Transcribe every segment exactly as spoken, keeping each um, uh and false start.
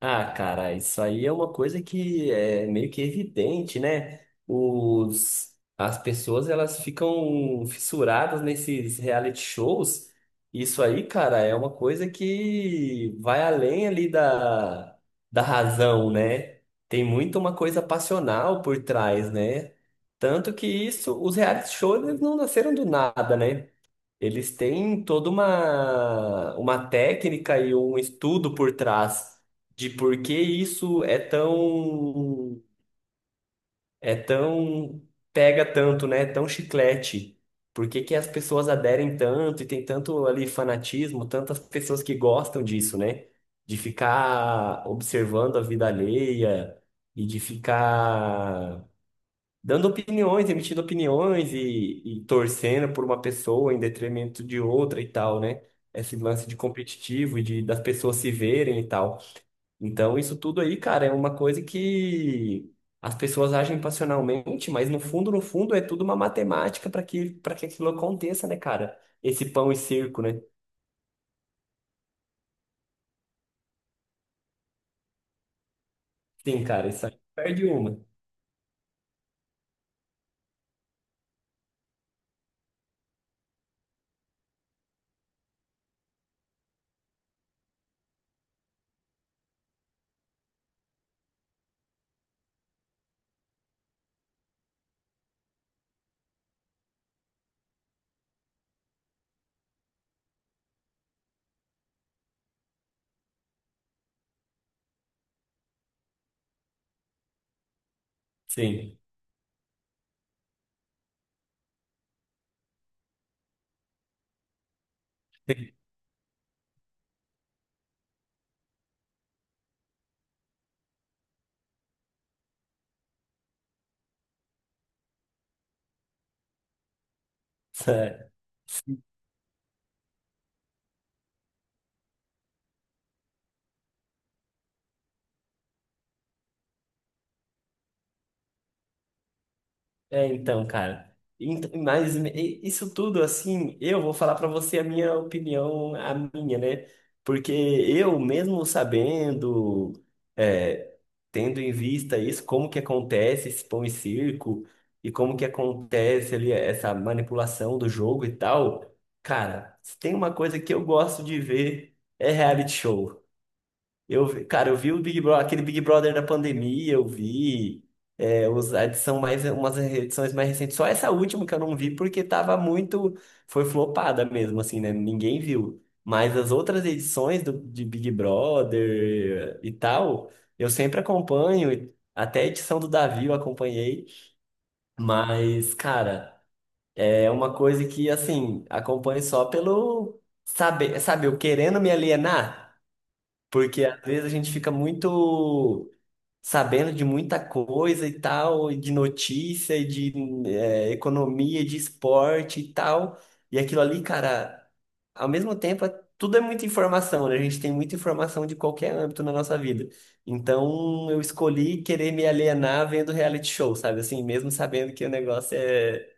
Ah, cara, isso aí é uma coisa que é meio que evidente, né? Os, as pessoas elas ficam fissuradas nesses reality shows. Isso aí, cara, é uma coisa que vai além ali da, da razão, né? Tem muito uma coisa passional por trás, né? Tanto que isso, os reality shows eles não nasceram do nada, né? Eles têm toda uma, uma técnica e um estudo por trás de por que isso é tão, é tão, pega tanto, né? É tão chiclete. Por que que as pessoas aderem tanto e tem tanto ali fanatismo, tantas pessoas que gostam disso, né? De ficar observando a vida alheia e de ficar dando opiniões, emitindo opiniões e, e torcendo por uma pessoa em detrimento de outra e tal, né? Esse lance de competitivo e de, das pessoas se verem e tal. Então, isso tudo aí, cara, é uma coisa que as pessoas agem passionalmente, mas no fundo, no fundo, é tudo uma matemática para que, para que aquilo aconteça, né, cara? Esse pão e circo, né? Sim, cara, isso aí perde uma. Sim. Sério. É, então, cara. Ent- Mas e- isso tudo, assim, eu vou falar pra você a minha opinião, a minha, né? Porque eu, mesmo sabendo, é, tendo em vista isso, como que acontece esse pão e circo, e como que acontece ali essa manipulação do jogo e tal, cara, se tem uma coisa que eu gosto de ver é reality show. Eu, vi- cara, eu vi o Big Brother, aquele Big Brother da pandemia, eu vi. É, os, a edição mais, umas edições mais recentes. Só essa última que eu não vi, porque tava muito. Foi flopada mesmo, assim, né? Ninguém viu. Mas as outras edições do, de Big Brother e tal, eu sempre acompanho. E até a edição do Davi eu acompanhei. Mas, cara, é uma coisa que, assim, acompanho só pelo saber, sabe, eu querendo me alienar. Porque às vezes a gente fica muito sabendo de muita coisa e tal, e de notícia, e de eh, economia, e de esporte e tal. E aquilo ali, cara, ao mesmo tempo, é- tudo é muita informação, né? A gente tem muita informação de qualquer âmbito na nossa vida. Então eu escolhi querer me alienar vendo reality show, sabe? Assim, mesmo sabendo que o negócio é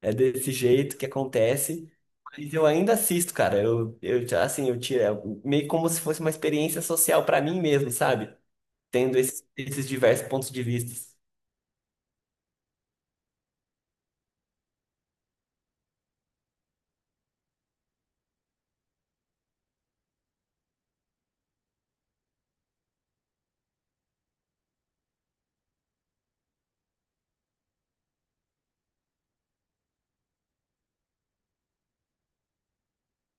é desse jeito que acontece. Mas eu ainda assisto, cara. Eu, eu já, assim, eu tiro, é meio como se fosse uma experiência social pra mim mesmo, sabe? Tendo esses, esses diversos pontos de vista.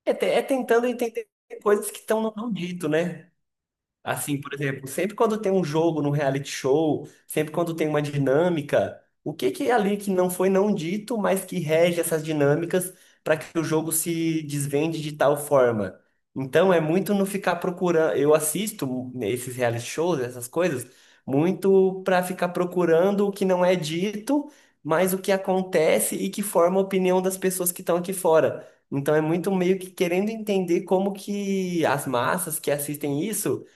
É, te- é tentando entender coisas que estão no não dito, né? Assim, por exemplo, sempre quando tem um jogo no reality show, sempre quando tem uma dinâmica, o que que é ali que não foi não dito, mas que rege essas dinâmicas para que o jogo se desvende de tal forma? Então é muito não ficar procurando. Eu assisto esses reality shows, essas coisas, muito para ficar procurando o que não é dito, mas o que acontece e que forma a opinião das pessoas que estão aqui fora. Então é muito meio que querendo entender como que as massas que assistem isso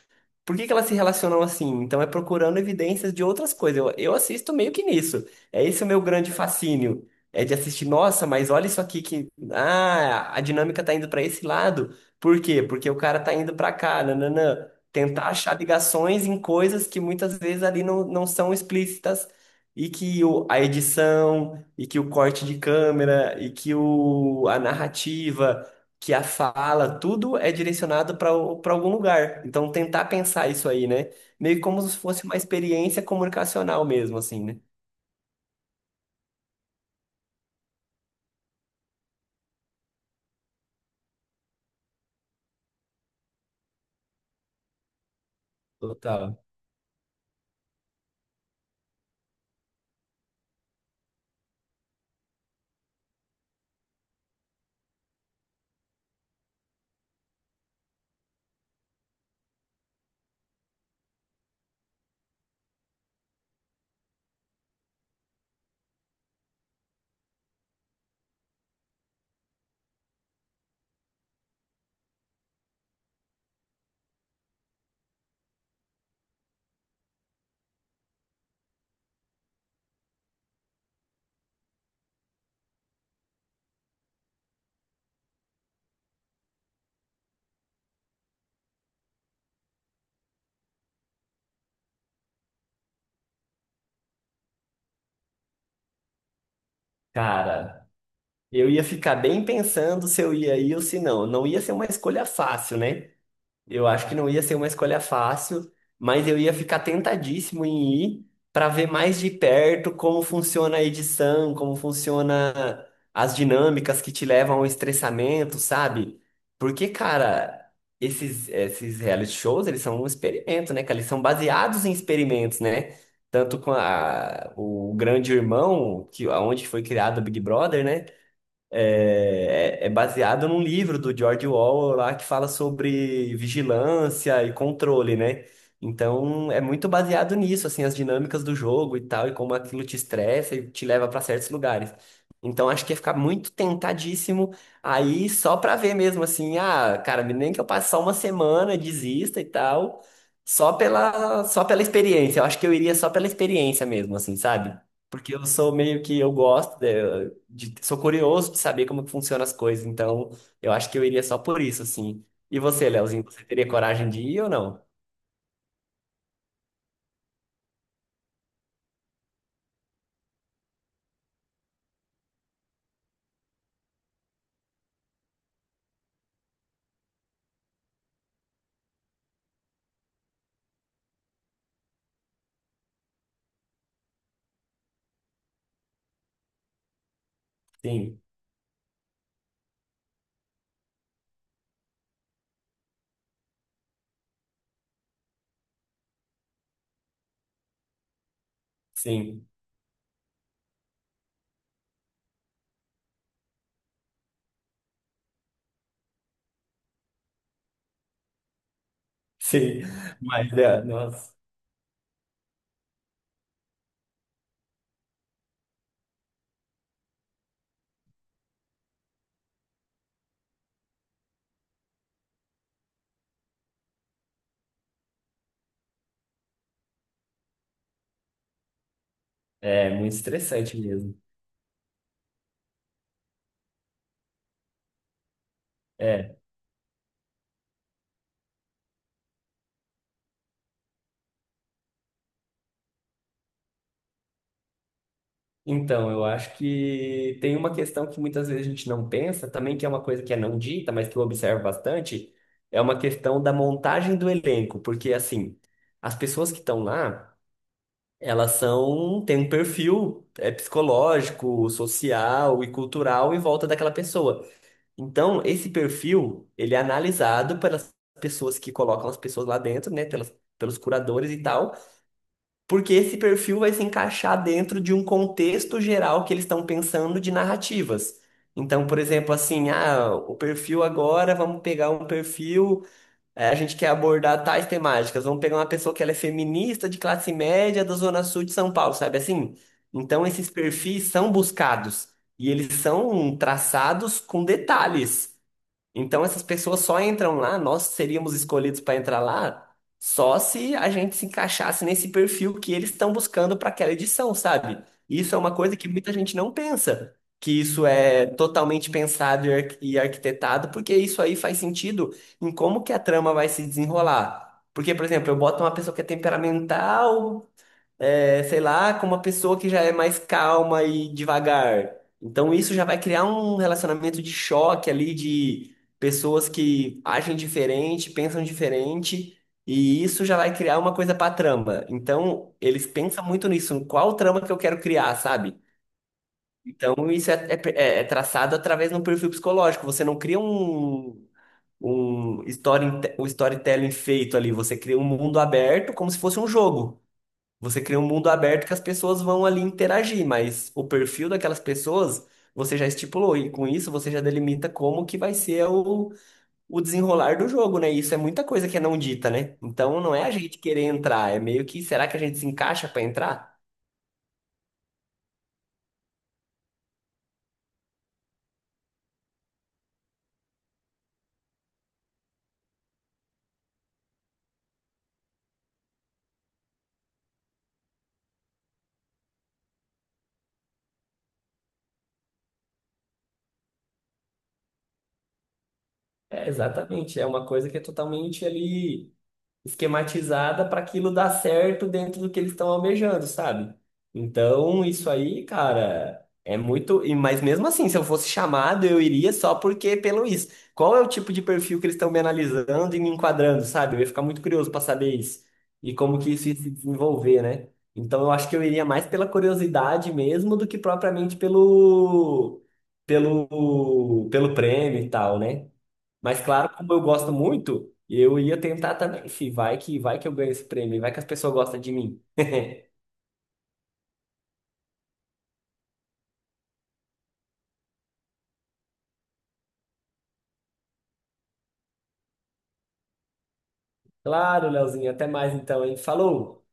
por que que elas se relacionam assim? Então é procurando evidências de outras coisas. Eu, eu assisto meio que nisso. É esse o meu grande fascínio. É de assistir, nossa, mas olha isso aqui que. Ah, a dinâmica tá indo para esse lado. Por quê? Porque o cara tá indo para cá, nananã. Tentar achar ligações em coisas que muitas vezes ali não, não são explícitas e que o, a edição, e que o corte de câmera, e que o, a narrativa que a fala, tudo é direcionado para para algum lugar. Então, tentar pensar isso aí, né? Meio como se fosse uma experiência comunicacional mesmo, assim, né? Total. Cara, eu ia ficar bem pensando se eu ia ir ou se não. Não ia ser uma escolha fácil, né? Eu acho que não ia ser uma escolha fácil, mas eu ia ficar tentadíssimo em ir para ver mais de perto como funciona a edição, como funciona as dinâmicas que te levam ao estressamento, sabe? Porque, cara, esses esses reality shows, eles são um experimento, né, cara? Eles são baseados em experimentos, né? Tanto com a, o Grande Irmão, que aonde foi criado o Big Brother, né? É, é baseado num livro do George Orwell lá que fala sobre vigilância e controle, né? Então é muito baseado nisso, assim, as dinâmicas do jogo e tal, e como aquilo te estressa e te leva para certos lugares. Então acho que ia ficar muito tentadíssimo aí só pra ver mesmo, assim, ah, cara, nem que eu passe só uma semana, desista e tal, só pela, só pela experiência. Eu acho que eu iria só pela experiência mesmo, assim, sabe? Porque eu sou meio que eu gosto de, de- sou curioso de saber como que funcionam as coisas, então eu acho que eu iria só por isso, assim. E você, Leozinho, você teria coragem de ir ou não? Sim, sim, sim. Mas é, nossa, é muito estressante mesmo. É. Então, eu acho que tem uma questão que muitas vezes a gente não pensa, também que é uma coisa que é não dita, mas que eu observo bastante, é uma questão da montagem do elenco, porque assim, as pessoas que estão lá elas são, têm um perfil é, psicológico, social e cultural em volta daquela pessoa. Então, esse perfil, ele é analisado pelas pessoas que colocam as pessoas lá dentro, né, pelas, pelos curadores e tal, porque esse perfil vai se encaixar dentro de um contexto geral que eles estão pensando de narrativas. Então, por exemplo, assim, ah, o perfil agora, vamos pegar um perfil é, a gente quer abordar tais temáticas. Vamos pegar uma pessoa que ela é feminista de classe média da Zona Sul de São Paulo, sabe assim? Então, esses perfis são buscados e eles são traçados com detalhes. Então essas pessoas só entram lá, nós seríamos escolhidos para entrar lá só se a gente se encaixasse nesse perfil que eles estão buscando para aquela edição, sabe? Isso é uma coisa que muita gente não pensa, que isso é totalmente pensado e arqu- e arquitetado, porque isso aí faz sentido em como que a trama vai se desenrolar. Porque, por exemplo, eu boto uma pessoa que é temperamental, é, sei lá, com uma pessoa que já é mais calma e devagar. Então isso já vai criar um relacionamento de choque ali de pessoas que agem diferente, pensam diferente, e isso já vai criar uma coisa para trama. Então eles pensam muito nisso, qual trama que eu quero criar, sabe? Então isso é, é- É é traçado através de um perfil psicológico. Você não cria um um story, um storytelling feito ali, você cria um mundo aberto como se fosse um jogo. Você cria um mundo aberto que as pessoas vão ali interagir, mas o perfil daquelas pessoas você já estipulou, e com isso você já delimita como que vai ser o, o desenrolar do jogo, né? E isso é muita coisa que é não dita, né? Então não é a gente querer entrar, é meio que será que a gente se encaixa para entrar? É, exatamente, é uma coisa que é totalmente ali esquematizada para aquilo dar certo dentro do que eles estão almejando, sabe? Então, isso aí, cara, é muito. e- Mas mesmo assim, se eu fosse chamado, eu iria só porque pelo isso. Qual é o tipo de perfil que eles estão me analisando e me enquadrando, sabe? Eu ia ficar muito curioso para saber isso. E como que isso ia se desenvolver, né? Então, eu acho que eu iria mais pela curiosidade mesmo do que propriamente pelo. Pelo, pelo prêmio e tal, né? Mas claro, como eu gosto muito, eu ia tentar também. Se vai que Vai que eu ganho esse prêmio, vai que as pessoas gostam de mim. Claro, Leozinho, até mais então, hein? Falou!